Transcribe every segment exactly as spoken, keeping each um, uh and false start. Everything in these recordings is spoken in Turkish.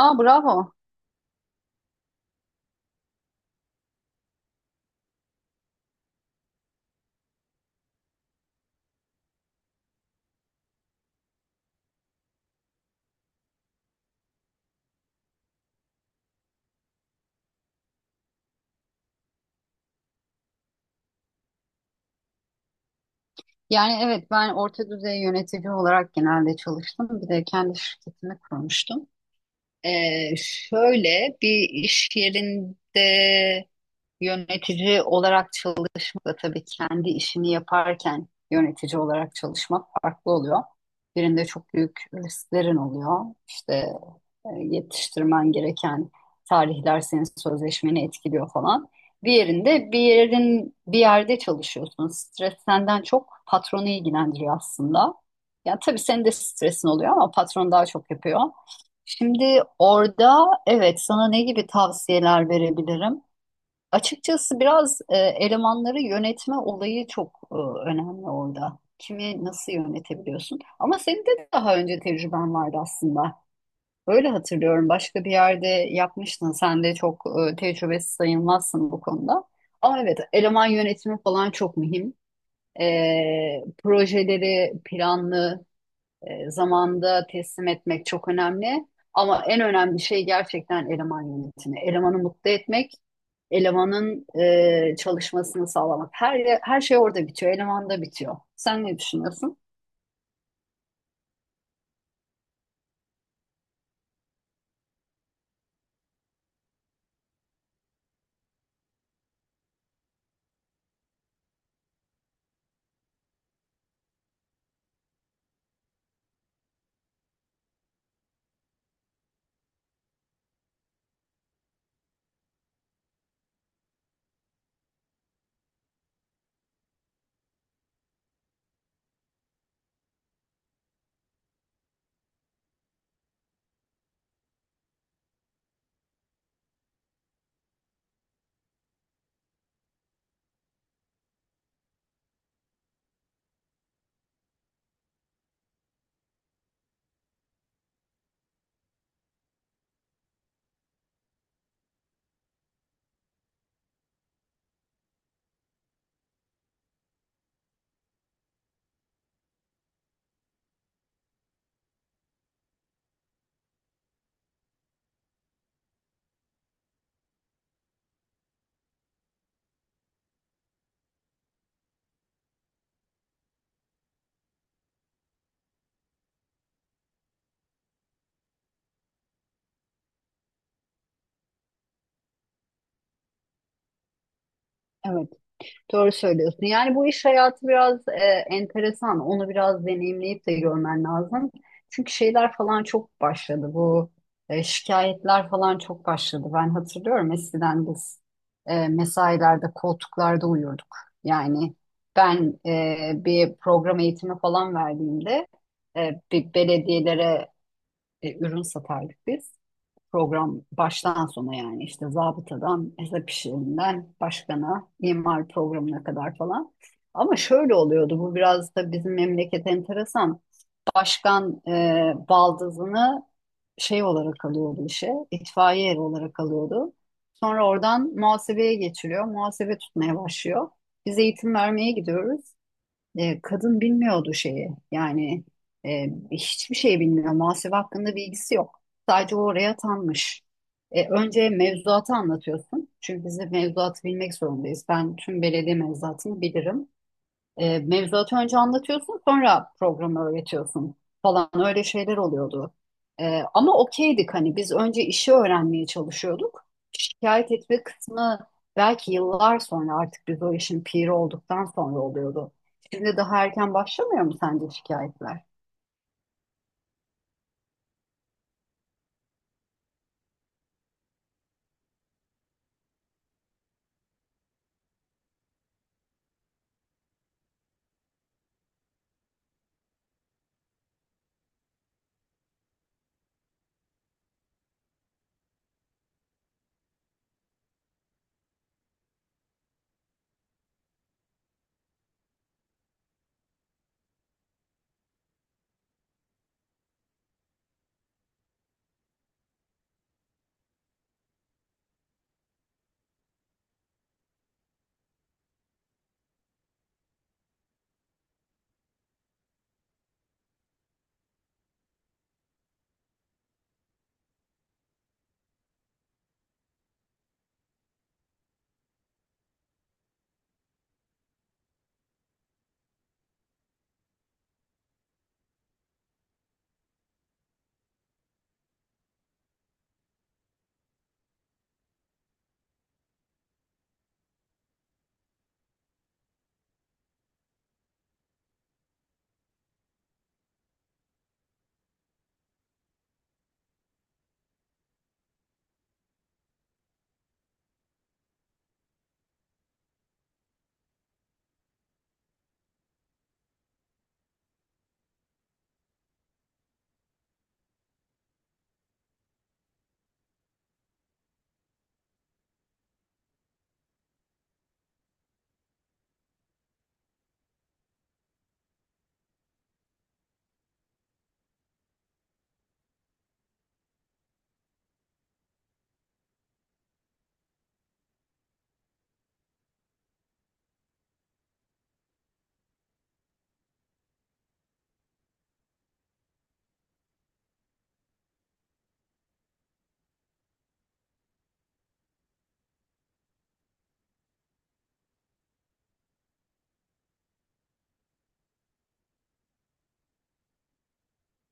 Aa bravo. Yani evet ben orta düzey yönetici olarak genelde çalıştım. Bir de kendi şirketimi kurmuştum. Ee, şöyle bir iş yerinde yönetici olarak çalışmak da tabii kendi işini yaparken yönetici olarak çalışmak farklı oluyor. Birinde çok büyük risklerin oluyor. İşte e, yetiştirmen gereken tarihler senin sözleşmeni etkiliyor falan. Diğerinde bir yerin bir yerde çalışıyorsun. Stres senden çok patronu ilgilendiriyor aslında. Yani tabii senin de stresin oluyor ama patron daha çok yapıyor. Şimdi orada evet sana ne gibi tavsiyeler verebilirim? Açıkçası biraz e, elemanları yönetme olayı çok e, önemli orada. Kimi nasıl yönetebiliyorsun? Ama senin de daha önce tecrüben vardı aslında. Öyle hatırlıyorum. Başka bir yerde yapmıştın. Sen de çok e, tecrübesiz sayılmazsın bu konuda. Ama evet, eleman yönetimi falan çok mühim. E, projeleri planlı, e, zamanda teslim etmek çok önemli. Ama en önemli şey gerçekten eleman yönetimi. Elemanı mutlu etmek, elemanın e, çalışmasını sağlamak. Her her şey orada bitiyor, elemanda bitiyor. Sen ne düşünüyorsun? Evet. Doğru söylüyorsun. Yani bu iş hayatı biraz e, enteresan. Onu biraz deneyimleyip de görmen lazım. Çünkü şeyler falan çok başladı. Bu e, şikayetler falan çok başladı. Ben hatırlıyorum eskiden biz e, mesailerde, koltuklarda uyurduk. Yani ben e, bir program eğitimi falan verdiğimde e, bir belediyelere e, ürün satardık biz. Program baştan sona yani işte zabıtadan hesap işlerinden başkana imar programına kadar falan. Ama şöyle oluyordu bu biraz da bizim memleket enteresan. Başkan e, baldızını şey olarak alıyordu işe, itfaiye eri olarak alıyordu. Sonra oradan muhasebeye geçiriyor, muhasebe tutmaya başlıyor. Biz eğitim vermeye gidiyoruz. E, kadın bilmiyordu şeyi. Yani e, hiçbir şey bilmiyor. Muhasebe hakkında bilgisi yok. Sadece o oraya atanmış. E, önce mevzuatı anlatıyorsun. Çünkü biz de mevzuatı bilmek zorundayız. Ben tüm belediye mevzuatını bilirim. E, mevzuatı önce anlatıyorsun, sonra programı öğretiyorsun falan, öyle şeyler oluyordu. E, ama okeydik, hani biz önce işi öğrenmeye çalışıyorduk. Şikayet etme kısmı belki yıllar sonra, artık biz o işin piri olduktan sonra oluyordu. Şimdi daha erken başlamıyor mu sence şikayetler?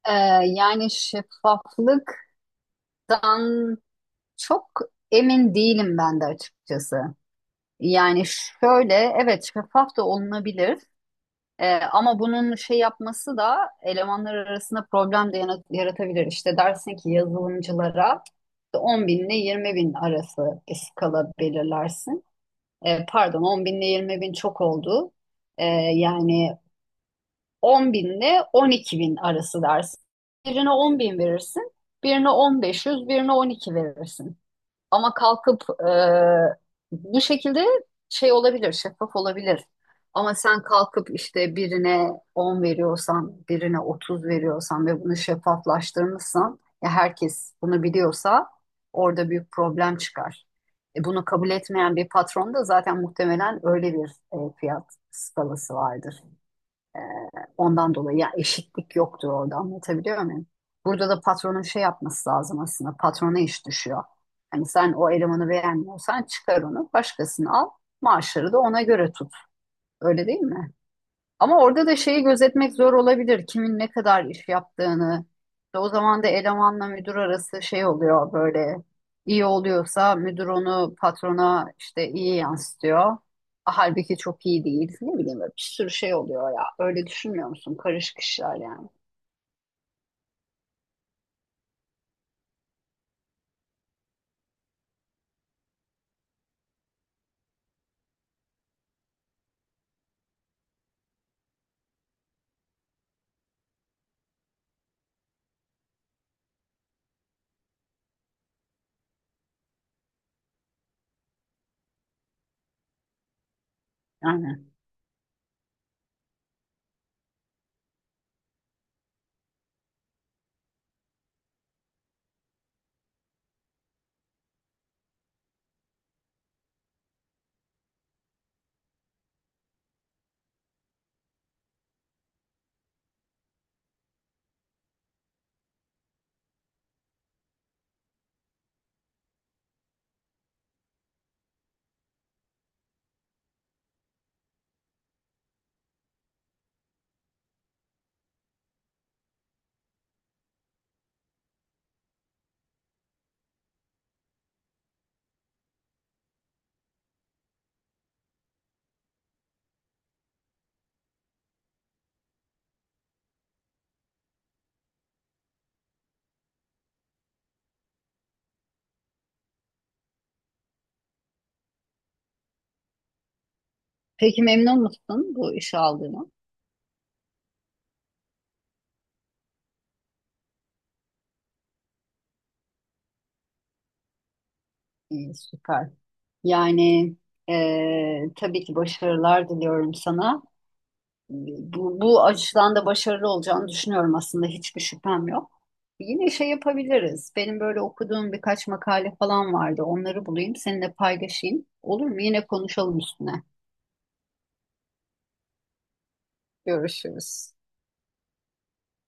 E, Yani şeffaflıktan çok emin değilim ben de açıkçası. Yani şöyle, evet şeffaf da olunabilir. Ee, ama bunun şey yapması da elemanlar arasında problem de yana- yaratabilir. İşte dersin ki yazılımcılara on bin ile yirmi bin arası bir skala belirlersin. Ee, pardon, on bin ile yirmi bin çok oldu. Ee, Yani on bin ile on iki bin arası dersin. Birine on bin verirsin, birine bin beş yüz, birine on iki verirsin. Ama kalkıp e, bu şekilde şey olabilir, şeffaf olabilir. Ama sen kalkıp işte birine on veriyorsan, birine otuz veriyorsan ve bunu şeffaflaştırmışsan, ya herkes bunu biliyorsa orada büyük problem çıkar. E, bunu kabul etmeyen bir patron da zaten muhtemelen öyle bir e, fiyat skalası vardır. Ee, Ondan dolayı ya, eşitlik yoktur orada, anlatabiliyor muyum? Burada da patronun şey yapması lazım aslında. Patrona iş düşüyor. Hani sen o elemanı beğenmiyorsan çıkar onu, başkasını al. Maaşları da ona göre tut. Öyle değil mi? Ama orada da şeyi gözetmek zor olabilir, kimin ne kadar iş yaptığını. İşte o zaman da elemanla müdür arası şey oluyor böyle. İyi oluyorsa müdür onu patrona işte iyi yansıtıyor. Halbuki çok iyi değil. Ne bileyim, böyle bir sürü şey oluyor ya. Öyle düşünmüyor musun? Karışık işler yani. Aynen. Peki, memnun musun bu işe aldığına? İyi, süper. Yani eee, tabii ki başarılar diliyorum sana. Bu, bu açıdan da başarılı olacağını düşünüyorum, aslında hiçbir şüphem yok. Yine şey yapabiliriz. Benim böyle okuduğum birkaç makale falan vardı. Onları bulayım, seninle paylaşayım. Olur mu? Yine konuşalım üstüne. Görüşürüz.